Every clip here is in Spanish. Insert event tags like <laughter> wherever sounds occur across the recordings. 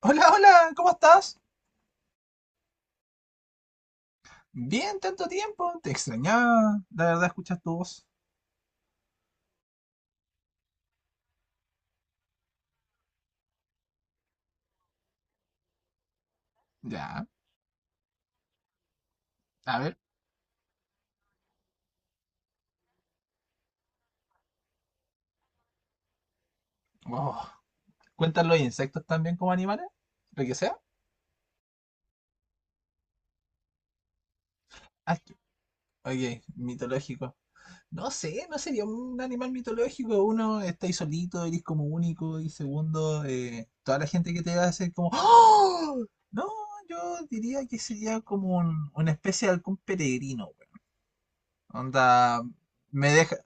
Hola, hola, ¿cómo estás? Bien, tanto tiempo. Te extrañaba, la verdad, escuchas tu voz. Ya, a ver. Oh, ¿Cuentan los insectos también como animales? ¿Lo que sea? Ah, ok, mitológico. No sé, no sería un animal mitológico. Uno, estáis solito, eres como único. Y segundo, toda la gente que te hace como ¡Oh! No, yo diría que sería como una especie de halcón peregrino, güey. Onda, me deja.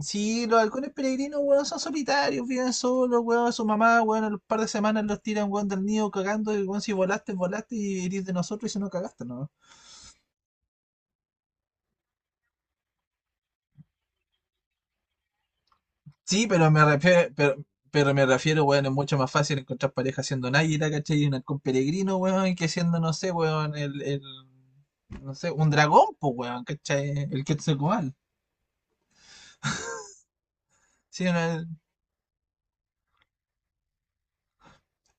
Sí, los halcones peregrinos, weón, son solitarios, viven solos, weón, su mamá, weón, a los par de semanas los tiran, weón, del nido cagando, y weón, si volaste, volaste y eres de nosotros y si no cagaste, ¿no? Sí, pero me refiero, weón, es mucho más fácil encontrar pareja siendo un águila, ¿cachai? Y un halcón peregrino, weón, que siendo, no sé, weón, el, no sé, un dragón, pues, weón, ¿cachai? El Quetzalcóatl. Sí, no,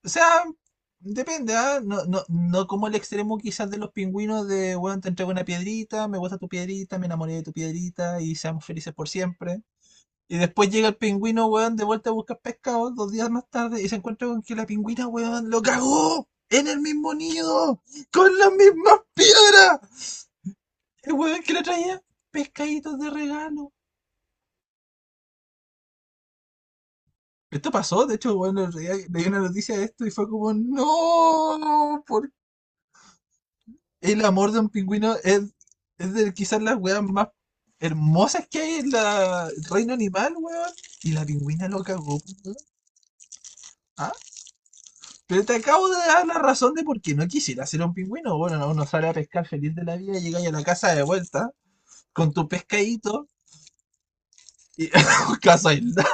o sea, depende, ¿ah? No, no, no como el extremo quizás de los pingüinos de, bueno, te entrego una piedrita, me gusta tu piedrita, me enamoré de tu piedrita y seamos felices por siempre. Y después llega el pingüino, weón, de vuelta a buscar pescado 2 días más tarde y se encuentra con que la pingüina, weón, lo cagó en el mismo nido, con las mismas piedras. El weón que le traía pescaditos de regalo. Esto pasó, de hecho, bueno, leí una noticia de esto y fue como, no, por el amor de un pingüino es de quizás las weas más hermosas que hay en la el reino animal, weón. Y la pingüina lo cagó, pues, weón. Ah, pero te acabo de dar la razón de por qué no quisiera ser un pingüino. Bueno, no, uno sale a pescar feliz de la vida, llegáis a la casa de vuelta con tu pescadito. Y, <laughs> casa aislada.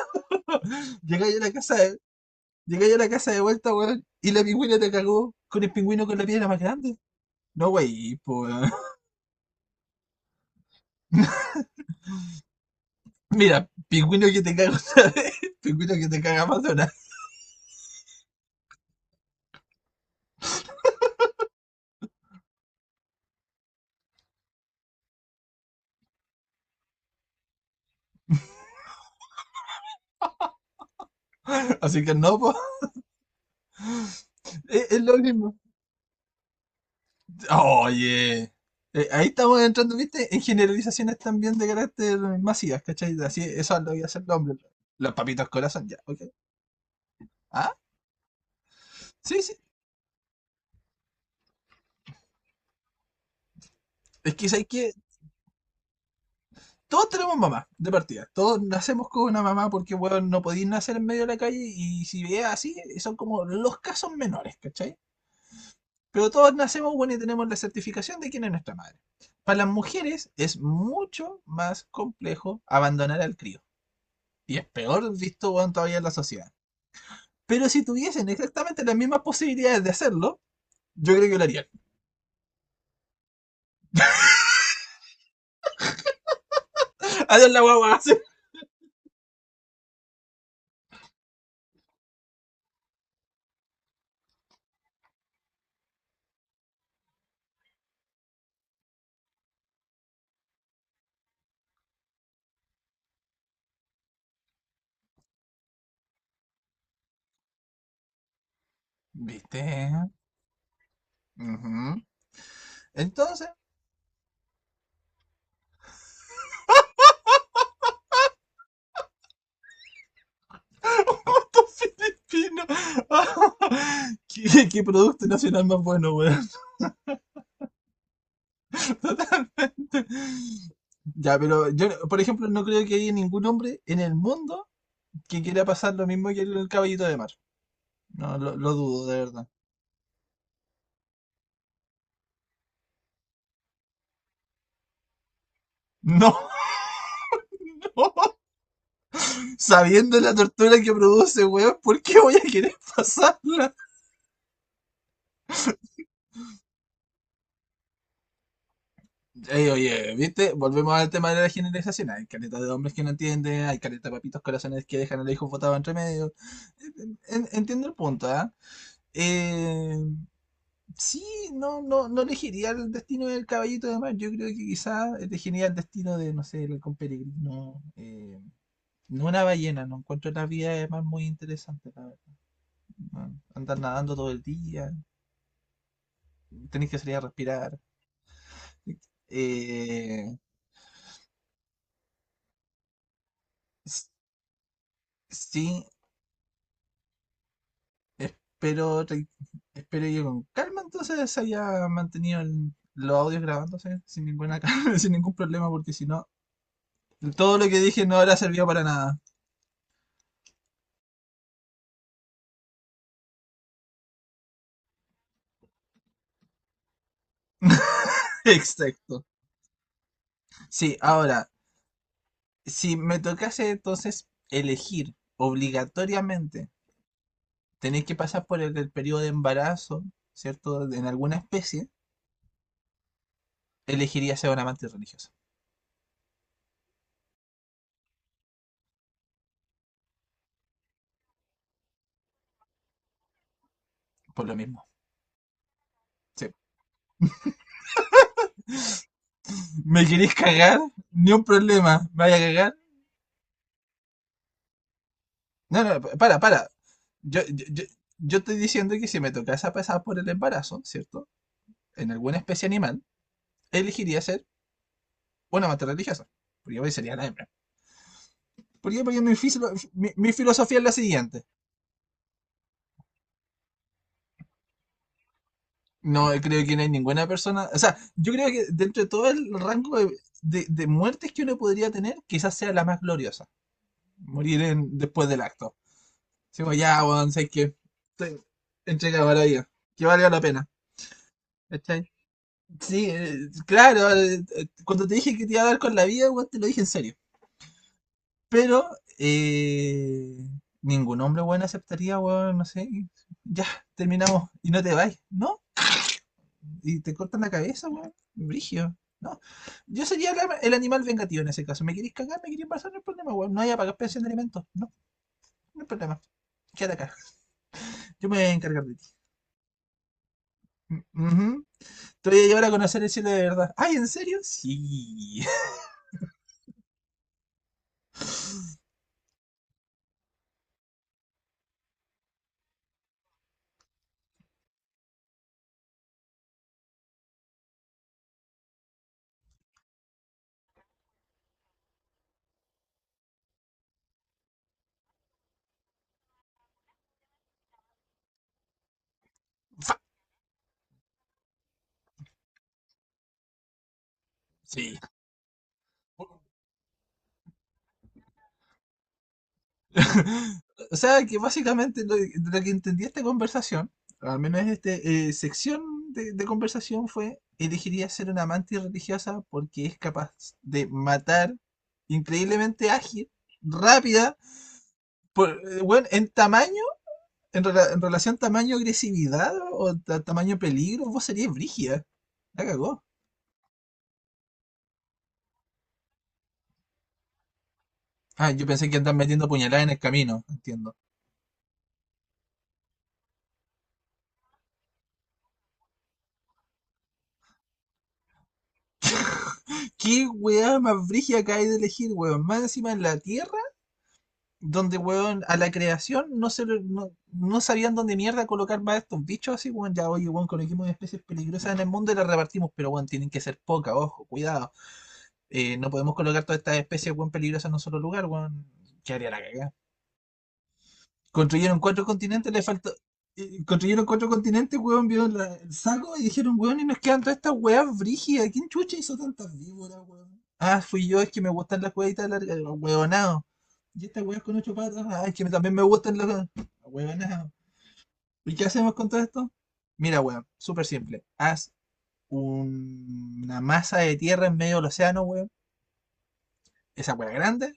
Llegáis a la casa de, llegáis a la casa de vuelta, weón. Y la pingüina te cagó con el pingüino con la piedra más grande. No, wey, pues <laughs> mira, pingüino que te caga una vez, <laughs> pingüino que te caga más de una. Así que no, po, <laughs> es lo mismo. Oye. Ahí estamos entrando, ¿viste? En generalizaciones también de carácter masivas, ¿cachai? Así, eso lo voy a hacer los hombres. Los papitos corazón, ya, ¿ok? Ah, sí, sí. Es que sabes que todos tenemos mamá, de partida. Todos nacemos con una mamá porque, bueno, no podéis nacer en medio de la calle y si veas así, son como los casos menores, ¿cachai? Pero todos nacemos, bueno, y tenemos la certificación de quién es nuestra madre. Para las mujeres es mucho más complejo abandonar al crío. Y es peor visto, weón, todavía en la sociedad. Pero si tuviesen exactamente las mismas posibilidades de hacerlo, yo creo que lo harían. <laughs> Adiós la guagua. Sí. ¿Viste? Ujú. Entonces, ¿cuántos filipinos? <laughs> ¿Qué producto nacional más bueno, weón? <laughs> Ya, pero yo, por ejemplo, no creo que haya ningún hombre en el mundo que quiera pasar lo mismo que el caballito de mar. No, lo dudo, de verdad. <laughs> No, no. Sabiendo la tortura que produce, weón, ¿por qué voy a querer pasarla? Ey, oye, ¿viste? Volvemos al tema de la generalización. Hay caretas de hombres que no entienden, hay caretas de papitos corazones que dejan al hijo votado entre medio. Entiendo el punto, ¿ah? Eh, sí, no, no, no elegiría el destino del caballito de mar. Yo creo que quizás elegiría el destino de, no sé, el halcón peregrino. No una ballena, no encuentro las vías de mar muy interesante. La verdad. Andar nadando todo el día, tenés que salir a respirar. Eh, s- sí, espero, tra- espero que con calma entonces se haya mantenido los audios grabándose sin ninguna calma, <laughs> sin ningún problema, porque si no, todo lo que dije no habrá servido para nada. <laughs> Exacto. Sí, ahora, si me tocase entonces elegir obligatoriamente, tenéis que pasar por el periodo de embarazo, ¿cierto? En alguna especie, elegiría ser un amante religioso, por lo mismo. Sí. ¿Me queréis cagar? Ni un problema. ¿Me vaya a cagar? No, no, para, para. Yo, yo, yo- yo estoy diciendo que si me tocase a pasar por el embarazo, ¿cierto? En alguna especie animal, elegiría ser una mater religiosa. Porque hoy sería la hembra. ¿Por qué? Porque mi filosofía es la siguiente. No, creo que no hay ninguna persona. O sea, yo creo que dentro de todo el rango de, de muertes que uno podría tener, quizás sea la más gloriosa. Morir después del acto. Digo, ya, weón, sé que estoy entregado a la vida. Que valga la pena. ¿Cachai? Sí, claro, cuando te dije que te iba a dar con la vida, weón, te lo dije en serio. Pero eh, ningún hombre, weón, aceptaría, weón, no sé, y ya, terminamos y no te vais, ¿no? Y te cortan la cabeza, weón, brigio, ¿no? Yo sería el animal vengativo en ese caso. ¿Me queréis cagar? ¿Me queréis embarazar? No hay problema, weón. No hay a pagar pensión de alimentos, no, no hay problema. Quédate acá, yo me voy a encargar de ti. Mm, ujú. Te voy a llevar a conocer el cielo de verdad. ¿Ay, en serio? Sí, <laughs> sí. <laughs> O sea, que básicamente lo que entendí esta conversación, al menos esta sección de conversación, fue: elegiría ser una amante religiosa porque es capaz de matar increíblemente ágil, rápida, por, bueno, en tamaño, en relación tamaño-agresividad o tamaño-peligro, vos serías brígida. La cagó. Ah, yo pensé que andan metiendo puñaladas en el camino, entiendo. ¿Qué weá más brígida que hay de elegir, weón? Más encima en la tierra donde, weón, a la creación no, se, lo- no, no sabían dónde mierda colocar más estos bichos así, weón. Ya, oye, weón, coloquemos especies peligrosas en el mundo y las repartimos, pero, weón, tienen que ser pocas, ojo, cuidado. No podemos colocar todas estas especies, weón, peligrosas en un solo lugar, weón. ¿Qué haría la cagada? Construyeron cuatro continentes, le faltó. Construyeron cuatro continentes, weón, vieron el saco y dijeron, weón, y nos quedan todas estas weas brígidas. ¿Quién chucha hizo tantas víboras, weón? Ah, fui yo, es que me gustan las huevitas largas, los huevonados. Y estas weas con ocho patas, ah, es que también me gustan los huevonados. ¿Y qué hacemos con todo esto? Mira, weón, súper simple. Haz una masa de tierra en medio del océano, weón. Esa wea grande,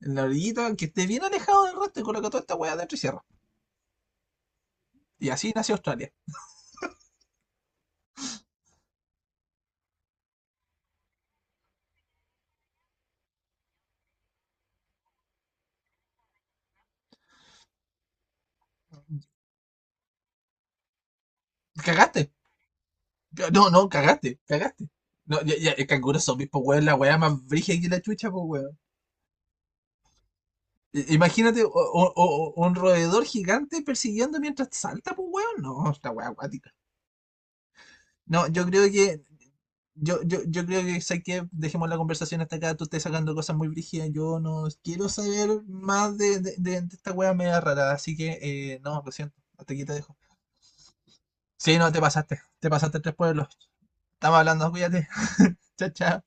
en la orillita, que esté bien alejado del resto y coloca toda esta wea dentro y cierra. Y así nació Australia. Cagaste. No, no, cagaste, cagaste. No, ya, ya, el canguro zombie, pues, weón, la weá más brígida que la chucha, pues, weón. Imagínate o un roedor gigante persiguiendo mientras salta, pues, weón. No, esta weá acuática. No, yo creo que. Yo creo que, sé que dejemos la conversación hasta acá, tú estás sacando cosas muy brígidas, yo no quiero saber más de, de esta weá media rara, así que, no, lo siento, hasta aquí te dejo. Sí, no, te pasaste tres pueblos. Estamos hablando, cuídate. <laughs> Chao, chao.